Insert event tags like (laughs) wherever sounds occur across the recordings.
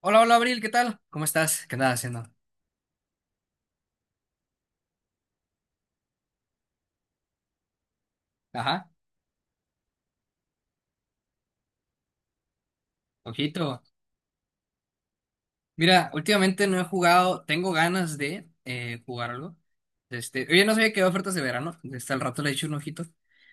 Hola, hola Abril, ¿qué tal? ¿Cómo estás? ¿Qué andas haciendo? Ajá, ojito. Mira, últimamente no he jugado, tengo ganas de jugarlo. Este, oye, no sabía que había ofertas de verano, hasta el rato le he hecho un ojito.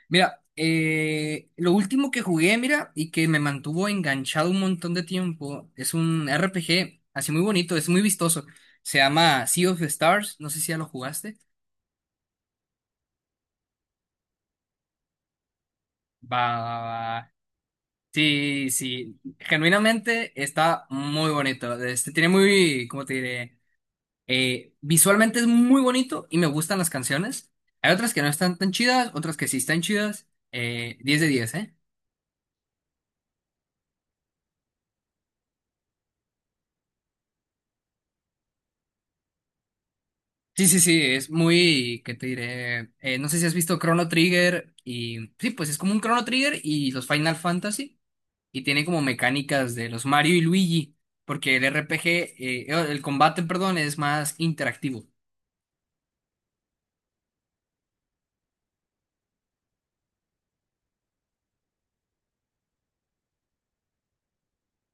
Mira, lo último que jugué, mira, y que me mantuvo enganchado un montón de tiempo, es un RPG, así muy bonito, es muy vistoso. Se llama Sea of Stars, no sé si ya lo jugaste. Va, va, va. Sí, sí, genuinamente está muy bonito. Este tiene muy, ¿cómo te diré? Visualmente es muy bonito y me gustan las canciones. Hay otras que no están tan chidas, otras que sí están chidas. 10 de 10, ¿eh? Sí, sí, sí, es muy, ¿qué te diré? No sé si has visto Chrono Trigger y sí, pues es como un Chrono Trigger y los Final Fantasy y tiene como mecánicas de los Mario y Luigi, porque el RPG, el combate, perdón, es más interactivo.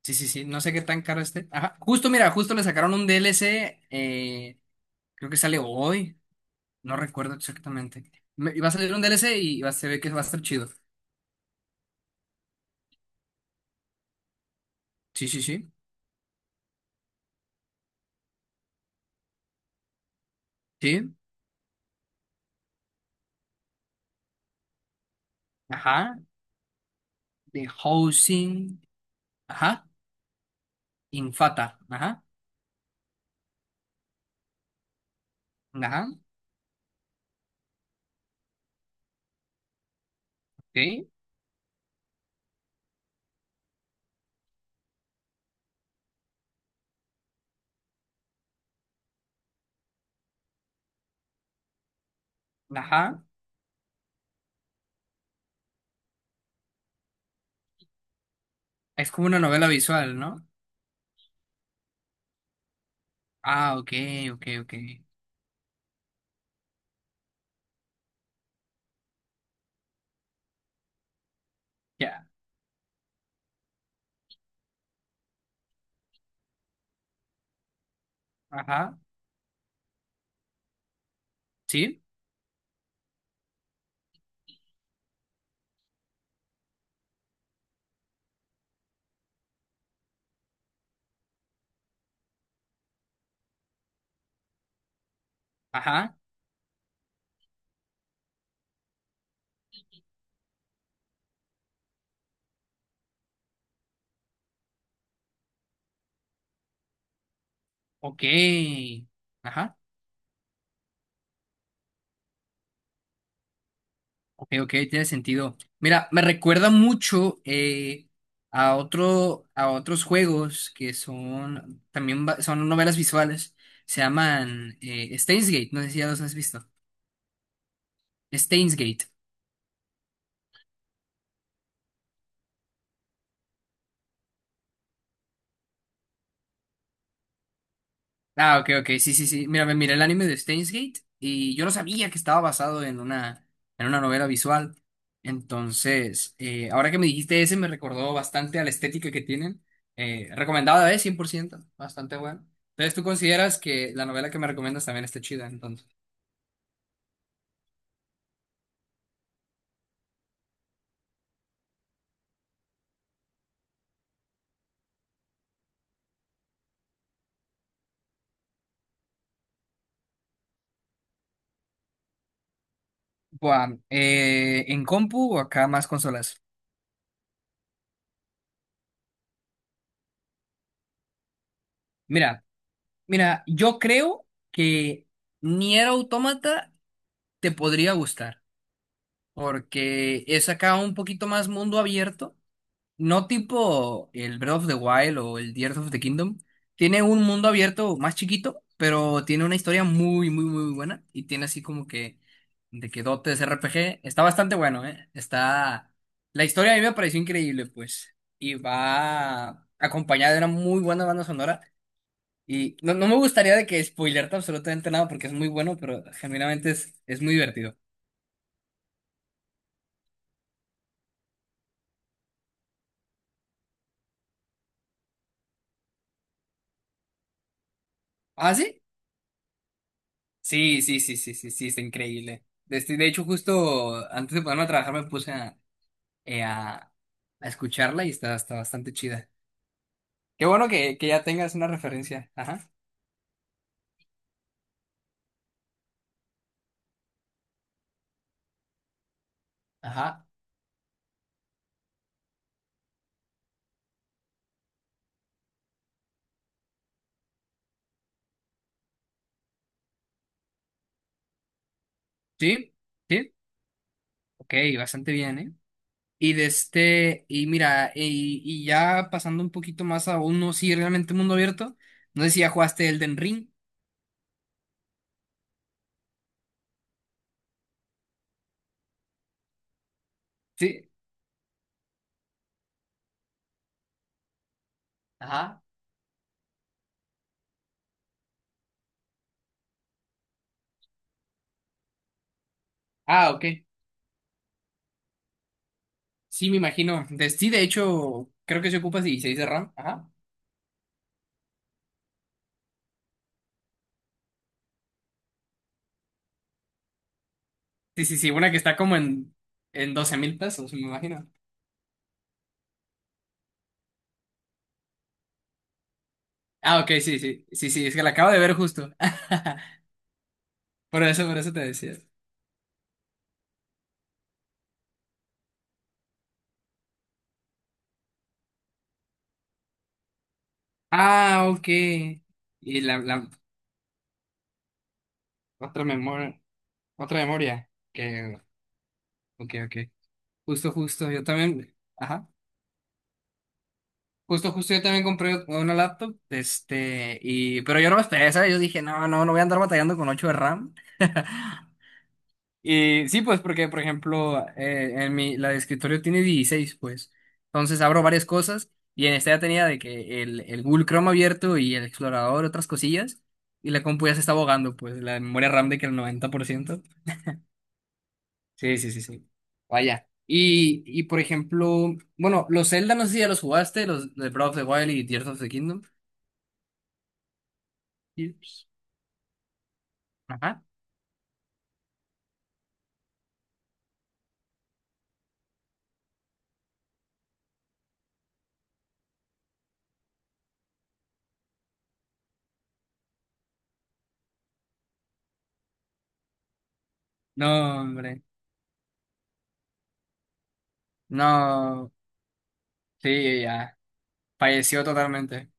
Sí, sí, sí, no sé qué tan caro esté. Ajá, justo, mira, justo le sacaron un DLC, creo que sale hoy, no recuerdo exactamente. Va a salir un DLC y va, se ve que va a estar chido. Sí, sí, sí, sí, ajá, de Housing, ajá, Infata, ajá, ajá, sí, ajá. Es como una novela visual, ¿no? Ah, ok, ok, ok, ya, ajá, sí, ajá, ok, ajá. Ok, ok, tiene sentido. Mira, me recuerda mucho a otros juegos que son también son novelas visuales. Se llaman Steins Gate, no sé si ya los has visto. Steins Gate. Ah, ok, ok, sí, sí, sí. Mira, me miré el anime de Steins Gate y yo no sabía que estaba basado en una novela visual. Entonces, ahora que me dijiste ese, me recordó bastante a la estética que tienen. Recomendada, es 100%, bastante buena. Entonces, ¿tú consideras que la novela que me recomiendas también está chida, entonces? Buah, ¿en compu o acá más consolas? Mira, mira, yo creo que Nier Automata te podría gustar, porque es acá un poquito más mundo abierto no tipo el Breath of the Wild o el Tears of the Kingdom. Tiene un mundo abierto más chiquito, pero tiene una historia muy, muy, muy buena. Y tiene así como que de que dotes RPG. Está bastante bueno, ¿eh? Está. La historia a mí me pareció increíble, pues. Y va acompañada de una muy buena banda sonora. Y no, no me gustaría de que spoilearte absolutamente nada porque es muy bueno, pero genuinamente es muy divertido. ¿Ah, sí? Sí, sí, sí, sí, sí, sí, está increíble. Este, de hecho, justo antes de ponerme a trabajar me puse eh, a, a escucharla y está bastante chida. Qué bueno que ya tengas una referencia. Ajá. Ajá. Sí, sí. Ok, bastante bien, ¿eh? Y de este, y mira, y ya pasando un poquito más a uno, sí, realmente mundo abierto. No sé si ya jugaste Elden Ring. Sí. Ajá. Ah, ok. Sí, me imagino. Sí, de hecho, creo que se ocupa 16 de RAM. Ajá. Sí, sí, sí, una que está como en 12,000 pesos, me imagino. Ah, ok, sí, sí, sí, sí, es que la acabo de ver justo. (laughs) Por eso te decía. Ah, ok. Y la otra memoria, otra memoria. Ok, ok. Justo, justo, yo también, ajá. Justo, justo, yo también compré una laptop, este, pero yo no batallé, ¿sabes? Yo dije, no, no, no voy a andar batallando con 8 de RAM. (laughs) Y sí, pues porque, por ejemplo, la de escritorio tiene 16 pues. Entonces abro varias cosas y en esta ya tenía de que el Google Chrome abierto y el explorador, otras cosillas. Y la compu ya se está abogando, pues la memoria RAM de que el 90%. Sí, sí, sí, sí. Vaya. Y por ejemplo, bueno, los Zelda, no sé si ya los jugaste, los de Breath of the Wild y Tears of the Kingdom. Years. Ajá. No, hombre. No. Sí, ya. Falleció totalmente.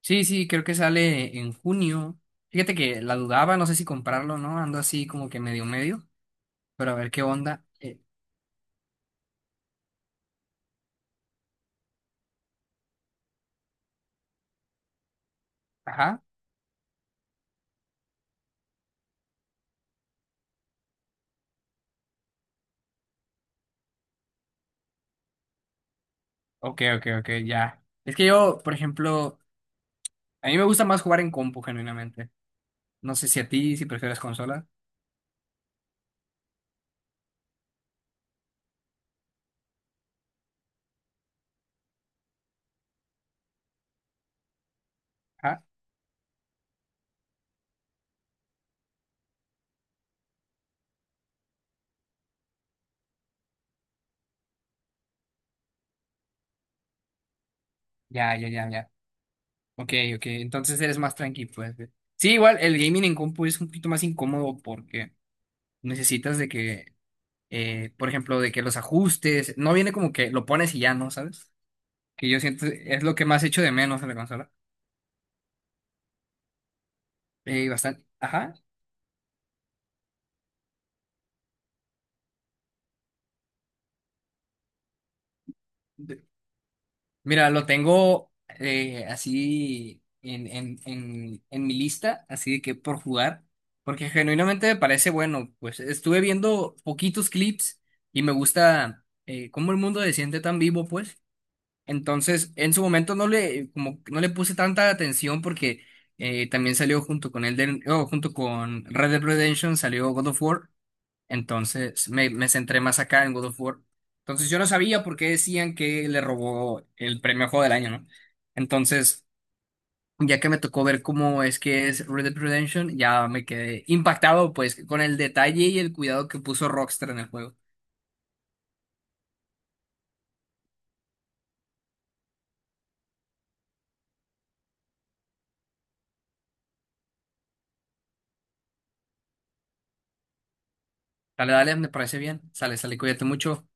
Sí, sí, creo que sale en junio. Fíjate que la dudaba, no sé si comprarlo o no, ando así como que medio medio, pero a ver qué onda. Ajá, ok, ok, ok, ya. Es que yo, por ejemplo, a mí me gusta más jugar en compu, genuinamente. No sé si a ti, si prefieres consola. Ajá, ya, ya, ya, ya. Ok, ok, entonces eres más tranqui pues. Sí, igual el gaming en compu es un poquito más incómodo porque necesitas de que, por ejemplo, de que los ajustes, no viene como que lo pones y ya, ¿no? ¿Sabes? Que yo siento es lo que más echo de menos en la consola. Bastante. Ajá. De- Mira, lo tengo así en mi lista, así de que por jugar, porque genuinamente me parece bueno. Pues estuve viendo poquitos clips y me gusta cómo el mundo se siente tan vivo, pues. Entonces, en su momento como, que no le puse tanta atención porque también salió junto con Red Dead Redemption, salió God of War. Entonces me centré más acá en God of War. Entonces yo no sabía por qué decían que le robó el premio a Juego del Año, ¿no? Entonces, ya que me tocó ver cómo es que es Red Dead Redemption, ya me quedé impactado pues con el detalle y el cuidado que puso Rockstar en el juego. Dale, dale, me parece bien. Sale, sale, cuídate mucho.